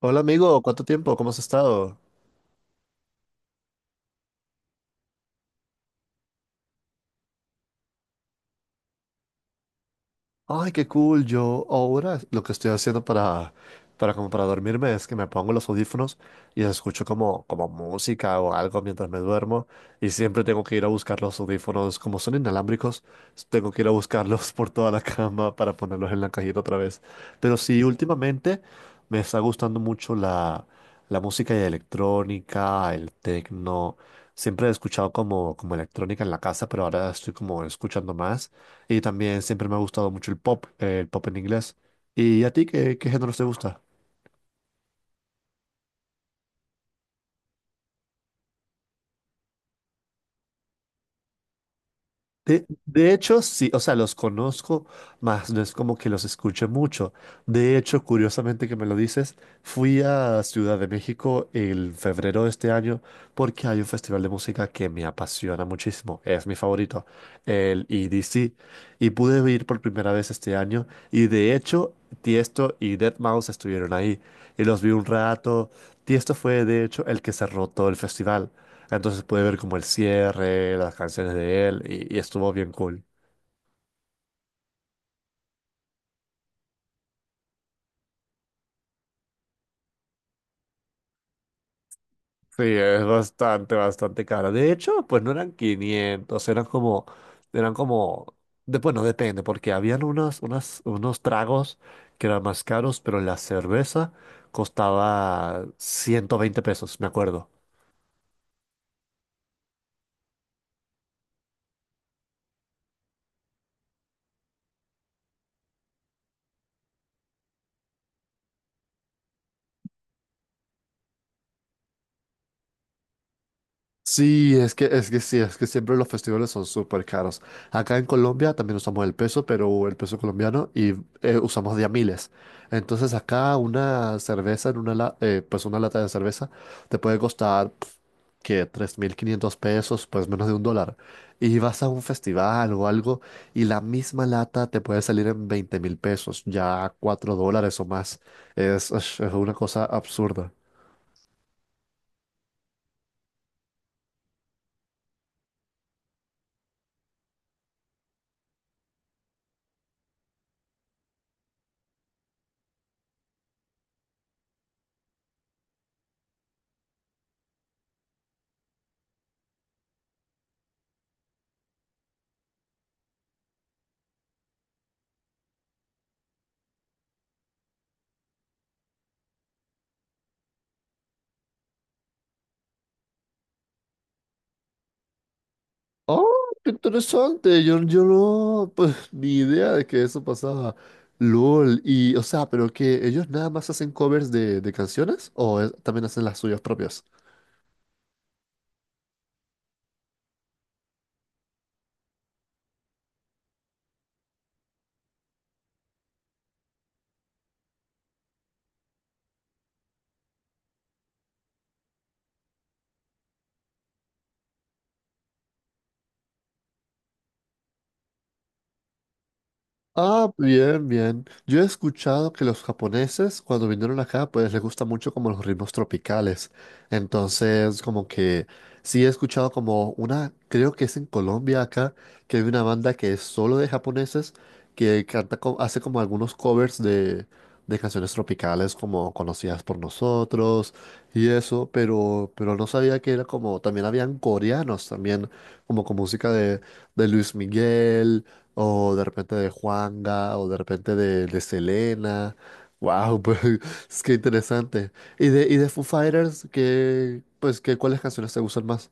Hola amigo, ¿cuánto tiempo? ¿Cómo has estado? Ay, qué cool. Yo ahora lo que estoy haciendo para como para dormirme es que me pongo los audífonos y escucho como música o algo mientras me duermo. Y siempre tengo que ir a buscar los audífonos. Como son inalámbricos, tengo que ir a buscarlos por toda la cama para ponerlos en la cajita otra vez. Pero sí, últimamente me está gustando mucho la música electrónica, el techno. Siempre he escuchado como electrónica en la casa, pero ahora estoy como escuchando más. Y también siempre me ha gustado mucho el pop en inglés. ¿Y a ti qué géneros te gusta? De hecho, sí, o sea, los conozco, más no es como que los escuche mucho. De hecho, curiosamente que me lo dices, fui a Ciudad de México el febrero de este año porque hay un festival de música que me apasiona muchísimo, es mi favorito, el EDC, y pude ir por primera vez este año y de hecho, Tiesto y deadmau5 estuvieron ahí y los vi un rato. Tiesto fue de hecho el que cerró todo el festival. Entonces pude ver como el cierre, las canciones de él y estuvo bien cool. Sí, es bastante, bastante cara. De hecho, pues no eran 500, eran como, bueno, depende, porque habían unos, unas, unos tragos que eran más caros, pero la cerveza costaba 120 pesos, me acuerdo. Sí, es que sí, es que siempre los festivales son súper caros. Acá en Colombia también usamos el peso, pero el peso colombiano y usamos de a miles. Entonces acá una cerveza, pues una lata de cerveza, te puede costar que 3.500 pesos, pues menos de un dólar. Y vas a un festival o algo y la misma lata te puede salir en 20 mil pesos, ya 4 dólares o más. Es una cosa absurda. Oh, qué interesante. yo no, pues ni idea de que eso pasaba. LOL. Y, o sea, pero que ellos nada más hacen covers de canciones o también hacen las suyas propias. Ah, bien, bien. Yo he escuchado que los japoneses cuando vinieron acá, pues les gusta mucho como los ritmos tropicales. Entonces, como que sí he escuchado como una, creo que es en Colombia acá, que hay una banda que es solo de japoneses que canta, hace como algunos covers de canciones tropicales como conocidas por nosotros y eso, pero no sabía que era como, también habían coreanos también, como con música de Luis Miguel, o de repente de Juanga, o de repente de Selena. Wow, pues es que interesante. Y de Foo Fighters, ¿cuáles canciones te gustan más?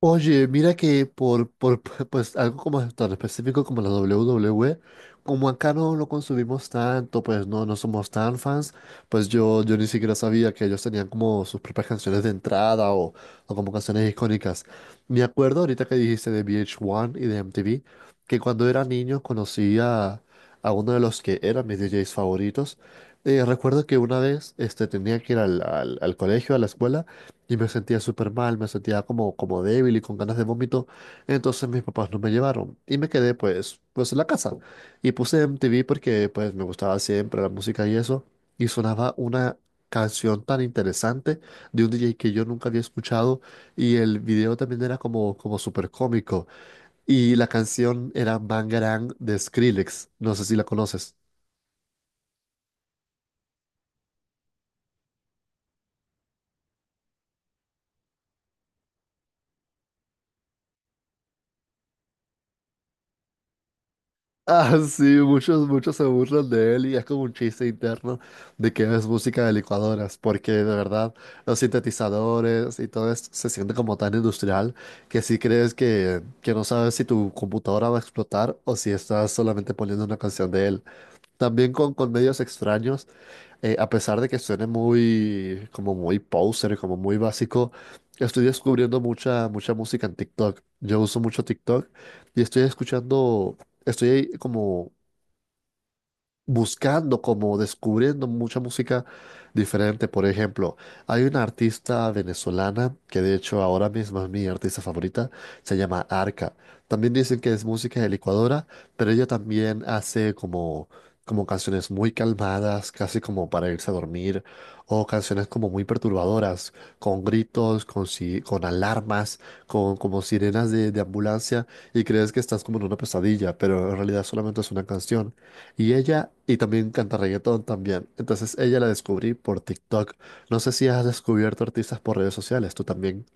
Oye, mira que por pues algo como tan específico como la WWE, como acá no lo consumimos tanto, pues no somos tan fans, pues yo ni siquiera sabía que ellos tenían como sus propias canciones de entrada o como canciones icónicas. Me acuerdo ahorita que dijiste de VH1 y de MTV, que cuando era niño conocí a uno de los que eran mis DJs favoritos. Recuerdo que una vez este, tenía que ir al colegio, a la escuela, y me sentía súper mal, me sentía como débil y con ganas de vómito. Entonces mis papás no me llevaron y me quedé pues en la casa. Y puse MTV porque pues me gustaba siempre la música y eso. Y sonaba una canción tan interesante de un DJ que yo nunca había escuchado. Y el video también era como súper cómico. Y la canción era Bangarang de Skrillex. No sé si la conoces. Ah, sí, muchos se burlan de él y es como un chiste interno de que es música de licuadoras, porque de verdad los sintetizadores y todo esto se siente como tan industrial que sí crees que no sabes si tu computadora va a explotar o si estás solamente poniendo una canción de él. También con medios extraños, a pesar de que suene como muy poser, como muy básico, estoy descubriendo mucha, mucha música en TikTok. Yo uso mucho TikTok y estoy escuchando. Estoy como buscando, como descubriendo mucha música diferente. Por ejemplo, hay una artista venezolana que de hecho ahora mismo es mi artista favorita, se llama Arca. También dicen que es música de licuadora, pero ella también hace como canciones muy calmadas, casi como para irse a dormir, o canciones como muy perturbadoras, con gritos, con, si- con alarmas, con como sirenas de ambulancia, y crees que estás como en una pesadilla, pero en realidad solamente es una canción. Y ella, y también canta reggaetón también. Entonces ella la descubrí por TikTok. No sé si has descubierto artistas por redes sociales, tú también.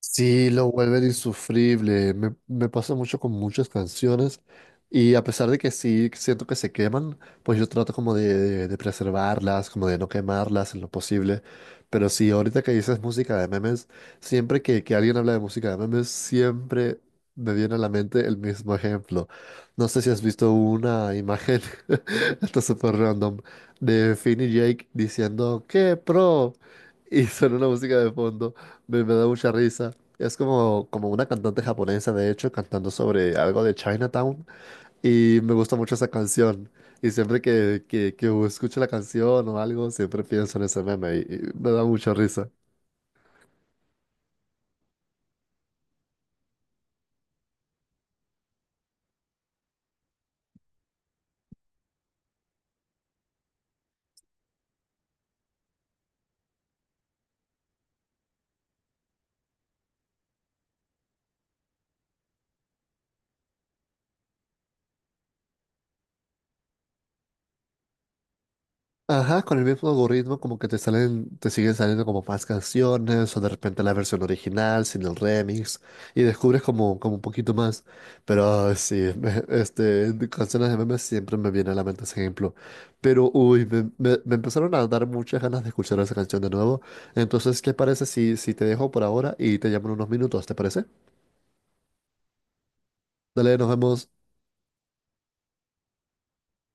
Sí, lo vuelven insufrible. Me pasa mucho con muchas canciones y a pesar de que sí siento que se queman, pues yo trato como de preservarlas, como de no quemarlas en lo posible. Pero sí, ahorita que dices música de memes, siempre que alguien habla de música de memes, siempre me viene a la mente el mismo ejemplo. No sé si has visto una imagen, esto es súper random, de Finn y Jake diciendo, ¡Qué pro! Y suena una música de fondo. Me da mucha risa. Es como una cantante japonesa, de hecho, cantando sobre algo de Chinatown. Y me gusta mucho esa canción. Y siempre que escucho la canción o algo, siempre pienso en ese meme y me da mucha risa. Ajá, con el mismo algoritmo como que te siguen saliendo como más canciones o de repente la versión original sin el remix y descubres como, como un poquito más. Pero ay, sí, de canciones de memes siempre me viene a la mente ese ejemplo. Pero uy, me empezaron a dar muchas ganas de escuchar esa canción de nuevo. Entonces, ¿qué parece si te dejo por ahora y te llamo en unos minutos? ¿Te parece? Dale, nos vemos.